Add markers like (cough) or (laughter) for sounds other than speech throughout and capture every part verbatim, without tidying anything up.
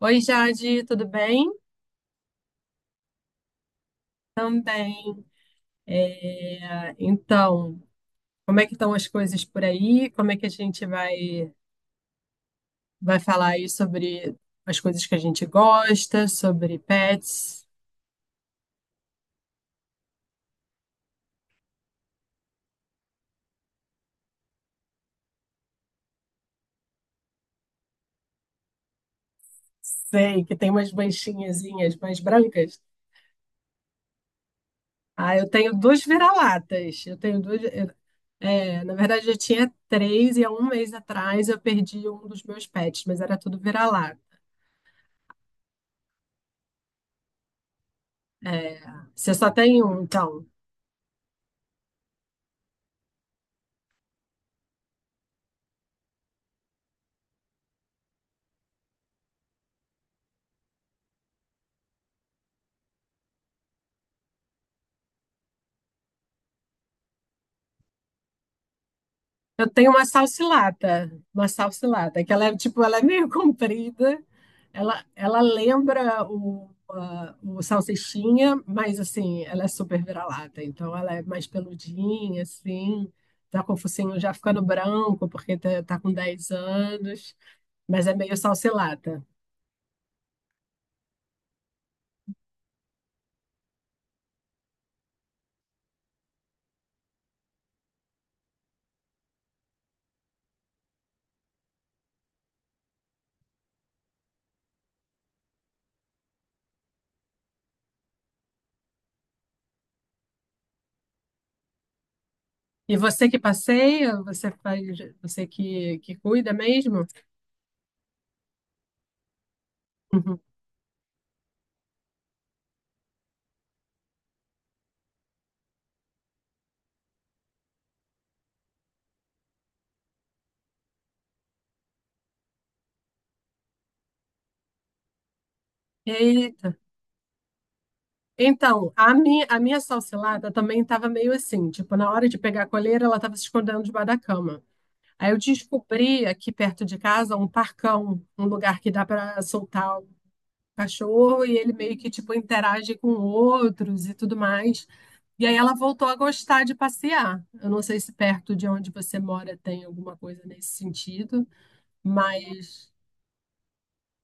Oi, Jade, tudo bem? Também. É, então, como é que estão as coisas por aí? Como é que a gente vai, vai falar aí sobre as coisas que a gente gosta, sobre pets? Sei que tem umas manchinhazinhas mais brancas. Ah, eu tenho duas vira-latas. Eu tenho duas. É, na verdade, eu tinha três e há um mês atrás eu perdi um dos meus pets, mas era tudo vira-lata. É, você só tem um, então. Eu tenho uma salsilata, uma salsilata, que ela é tipo, ela é meio (laughs) comprida, ela, ela lembra o, a- o salsichinha, mas assim, ela é super vira-lata, então ela é mais peludinha, assim, tá com o focinho já ficando branco, porque tá, tá com dez anos, mas é meio salsilata. E você que passeia, você faz, você que, que cuida mesmo? Uhum. Eita. Então, a minha, a minha salsilada também estava meio assim, tipo, na hora de pegar a coleira, ela estava se escondendo debaixo da cama. Aí eu descobri aqui perto de casa um parcão, um lugar que dá para soltar o cachorro e ele meio que tipo interage com outros e tudo mais. E aí ela voltou a gostar de passear. Eu não sei se perto de onde você mora tem alguma coisa nesse sentido, mas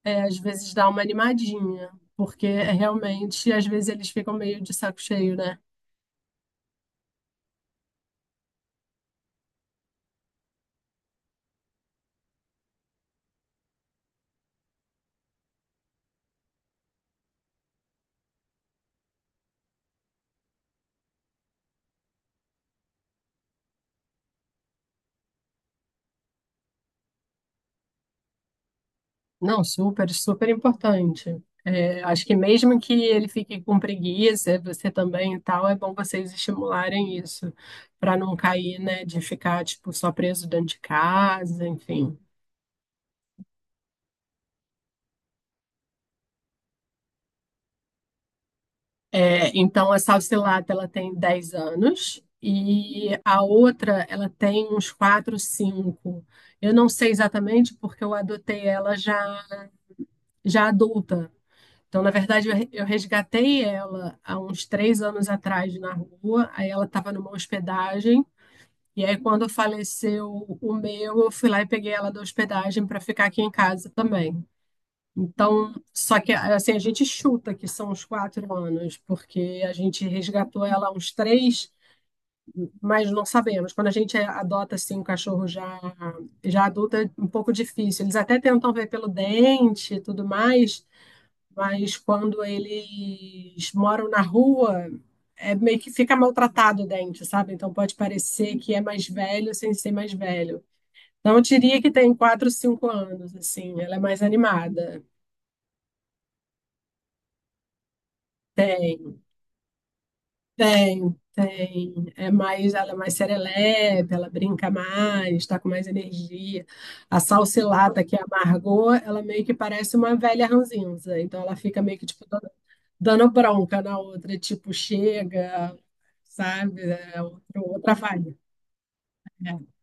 é, às vezes dá uma animadinha, porque é, realmente às vezes eles ficam meio de saco cheio, né? Não, super, super importante. É, acho que mesmo que ele fique com preguiça, você também e tal, é bom vocês estimularem isso, para não cair, né, de ficar, tipo, só preso dentro de casa, enfim. É, então, a Salsilata, ela tem dez anos e a outra, ela tem uns quatro, cinco. Eu não sei exatamente porque eu adotei ela já, já adulta. Então, na verdade, eu re- eu resgatei ela há uns três anos atrás na rua. Aí ela estava numa hospedagem. E aí, quando faleceu o meu, eu fui lá e peguei ela da hospedagem para ficar aqui em casa também. Então, só que assim, a gente chuta que são uns quatro anos, porque a gente resgatou ela há uns três, mas não sabemos. Quando a gente adota assim, um cachorro já, já adulto, é um pouco difícil. Eles até tentam ver pelo dente e tudo mais, mas quando eles moram na rua, é meio que fica maltratado o dente, sabe? Então pode parecer que é mais velho sem ser mais velho. Não diria que tem quatro, cinco anos, assim, ela é mais animada. Tem, tem, tem. É mais, ela é mais serelepe, ela brinca mais, tá com mais energia. A Salsilata, que é a Margot, ela meio que parece uma velha ranzinza. Então ela fica meio que tipo dando bronca na outra, tipo, chega, sabe? É outro- outra vibe. É.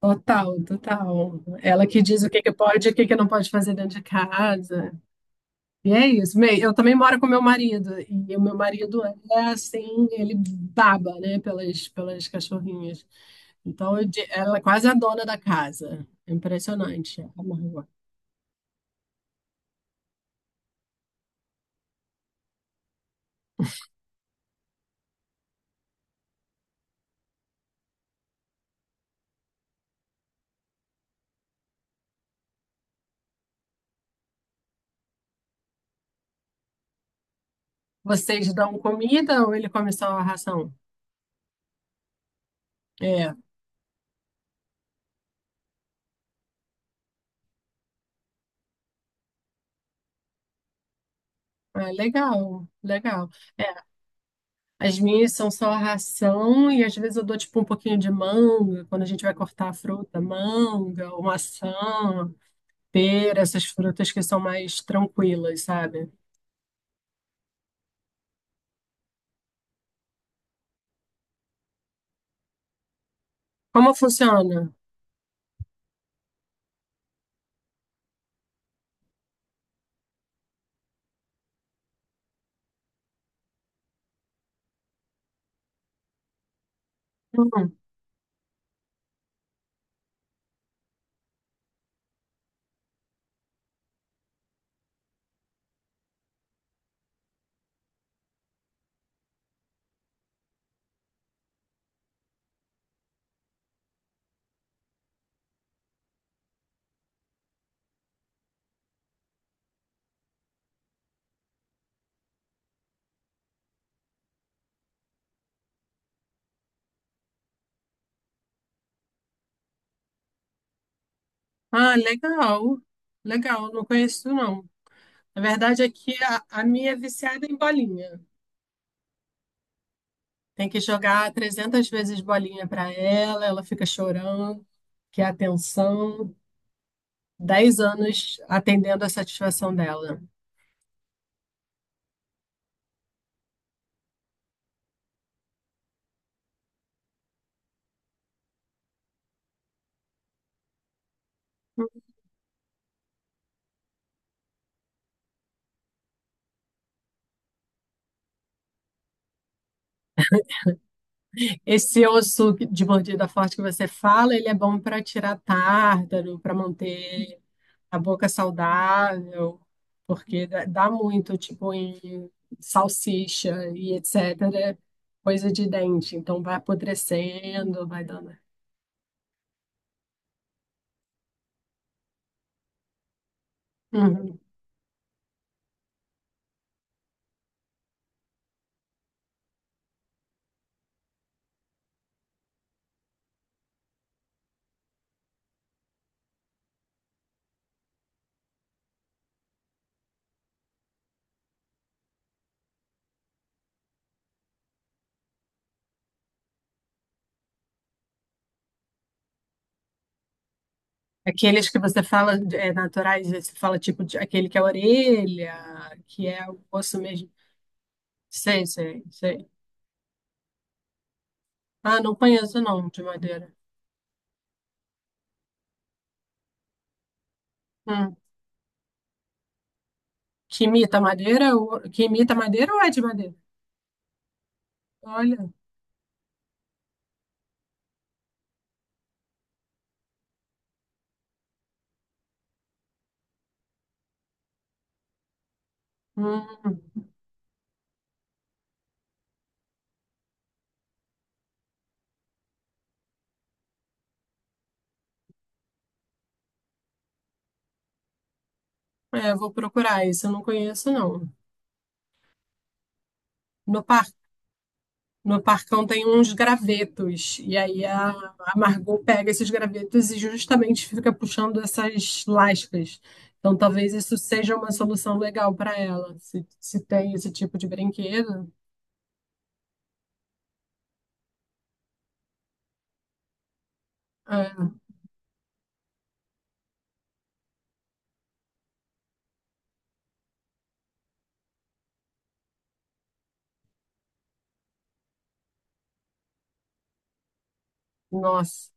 Total, total. Ela que diz o que que pode e o que que não pode fazer dentro de casa. E é isso. Bem, eu também moro com meu marido, e o meu marido é assim, ele baba, né, pelas, pelas cachorrinhas. Então, eu di- ela é quase a dona da casa. É impressionante, a Margot. Vocês dão comida ou ele come só a ração? É, é legal, legal. As minhas são só ração e às vezes eu dou tipo um pouquinho de manga, quando a gente vai cortar a fruta, manga, ou maçã, pera, essas frutas que são mais tranquilas, sabe? Como funciona? Hum. Ah, legal. Legal, não conheço não. A verdade é que a, a minha é viciada em bolinha. Tem que jogar trezentas vezes bolinha para ela, ela fica chorando, quer atenção. Dez anos atendendo a satisfação dela. Esse osso de mordida forte que você fala, ele é bom para tirar tártaro, para manter a boca saudável, porque dá dá muito, tipo, em salsicha e etcétera. Coisa de dente. Então vai apodrecendo, vai dando. Uhum. Aqueles que você fala é, naturais, você fala tipo de, aquele que é a orelha, que é o osso mesmo. Sei, sei, sei. Ah, não conheço não, de madeira. Que imita madeira? ou- Que imita madeira ou é de madeira? Olha, hum, é, vou procurar isso, eu não conheço não. No par, no Parcão tem uns gravetos, e aí a, a Margot pega esses gravetos e justamente fica puxando essas lascas. Então talvez isso seja uma solução legal para ela, se, se tem esse tipo de brinquedo. É, nossa.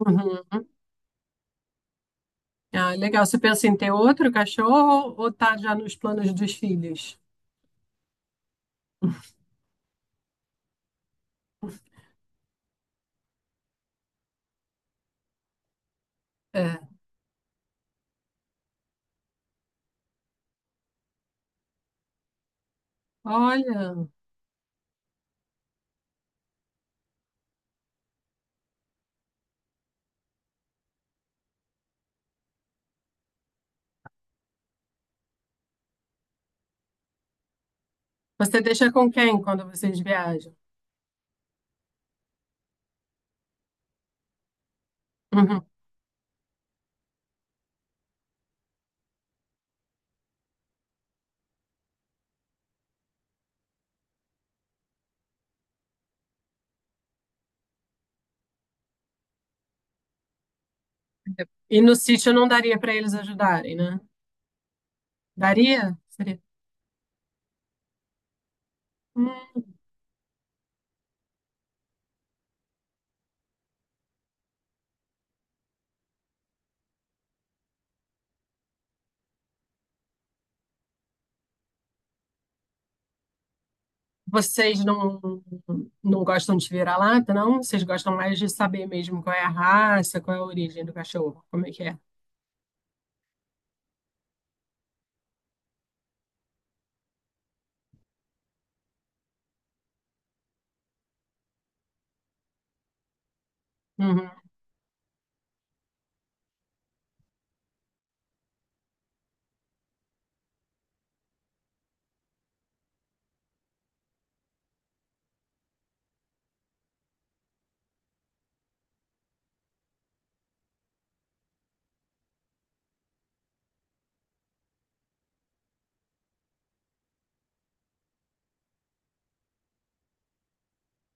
Uhum. Ah, legal. Você pensa em ter outro cachorro ou tá já nos planos dos filhos? É. Olha. Você deixa com quem quando vocês viajam? Uhum. E no sítio não daria para eles ajudarem, né? Daria? Seria. Hum. Vocês não, não gostam de vira-lata, não? Vocês gostam mais de saber mesmo qual é a raça, qual é a origem do cachorro, como é que é? Uhum.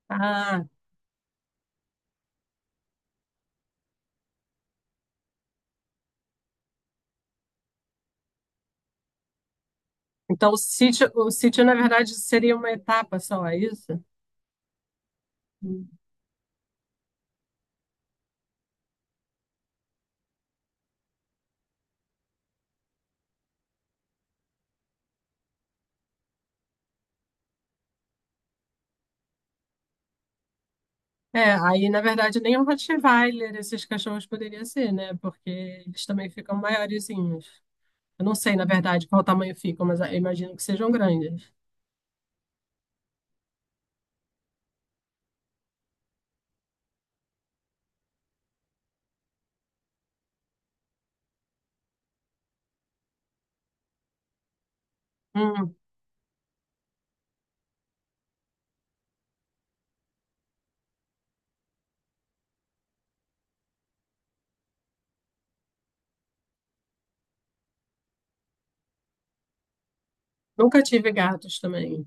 Ah, então o sítio, o sítio, na verdade, seria uma etapa só, é isso? Hum. É, aí, na verdade, nem um Rottweiler esses cachorros poderia ser, né? Porque eles também ficam maiorzinhos. Eu não sei, na verdade, qual tamanho ficam, mas eu imagino que sejam grandes. Hum, nunca tive gatos também.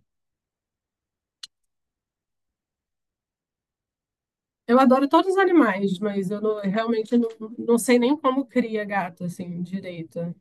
Eu adoro todos os animais, mas eu não- realmente não, não sei nem como cria gato, assim, direito.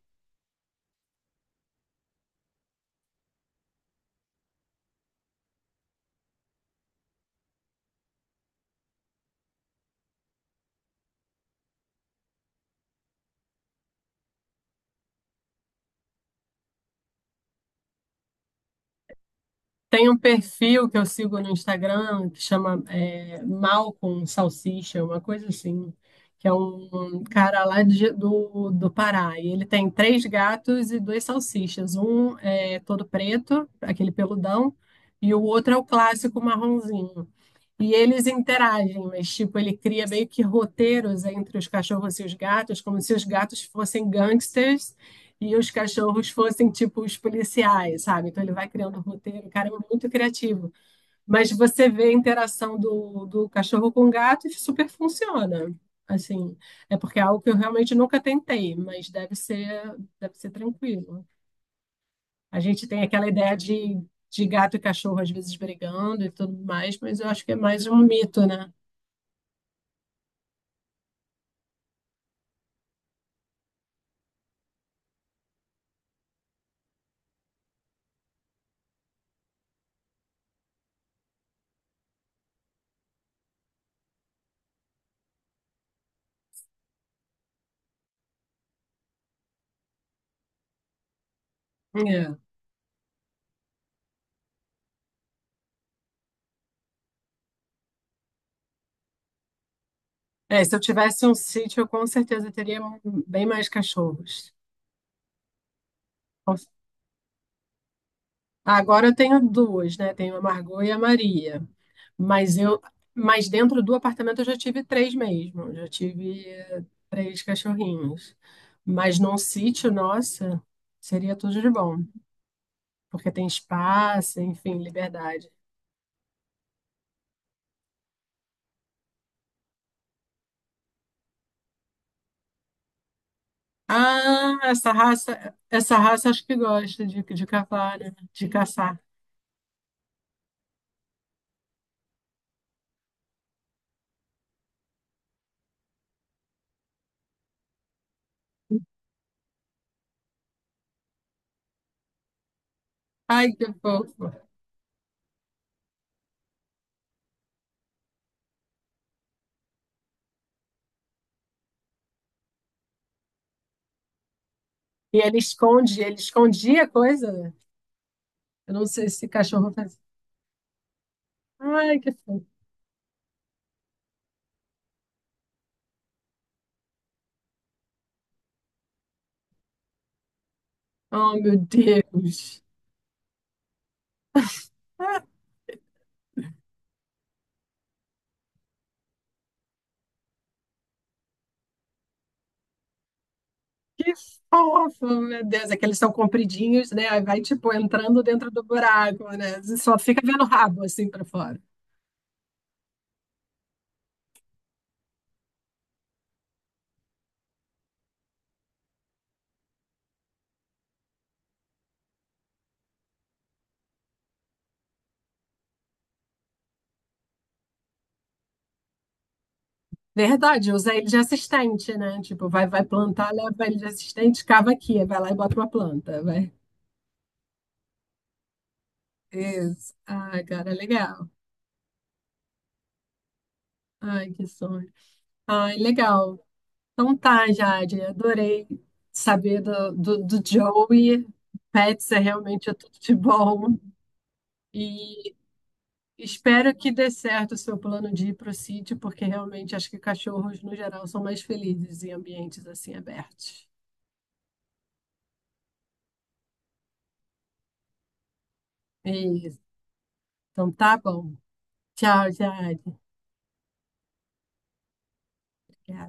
Tem um perfil que eu sigo no Instagram que chama é, Malcom Salsicha, uma coisa assim, que é um cara lá de- do, do Pará. E ele tem três gatos e dois salsichas. Um é todo preto, aquele peludão, e o outro é o clássico marronzinho. E eles interagem, mas tipo, ele cria meio que roteiros entre os cachorros e os gatos, como se os gatos fossem gangsters e os cachorros fossem tipo os policiais, sabe? Então ele vai criando roteiro, o cara é muito criativo. Mas você vê a interação do, do cachorro com o gato e super funciona. Assim, é porque é algo que eu realmente nunca tentei, mas deve ser, deve ser tranquilo. A gente tem aquela ideia de, de gato e cachorro às vezes brigando e tudo mais, mas eu acho que é mais um mito, né? É. É, se eu tivesse um sítio, eu com certeza teria um- bem mais cachorros. Com- Agora eu tenho duas, né? Tenho a Margot e a Maria. Mas eu, mas dentro do apartamento eu já tive três mesmo. Já tive eh, três cachorrinhos. Mas num sítio, nossa, seria tudo de bom, porque tem espaço, enfim, liberdade. Ah, essa raça, essa raça acho que gosta de, de cavar, né? De caçar. Ai, que fofo. E ele esconde, ele escondia a coisa. Eu não sei se cachorro faz. Ai, que fofo. Oh, meu Deus. Ah, que fofo, meu Deus. É que eles são compridinhos, né? Aí vai, tipo, entrando dentro do buraco, né? Você só fica vendo o rabo, assim, pra fora. Verdade, usa ele de assistente, né? Tipo, vai, vai plantar, leva ele de assistente, cava aqui, aí vai lá e bota uma planta, vai. Isso. Ai, cara, legal. Ai, que sonho. Ai, legal. Então tá, Jade, adorei saber do, do, do Joey. Pets é realmente é tudo de bom. E espero que dê certo o seu plano de ir para o sítio, porque realmente acho que cachorros, no geral, são mais felizes em ambientes assim abertos. É isso. Então tá bom. Tchau, Jade. Obrigada.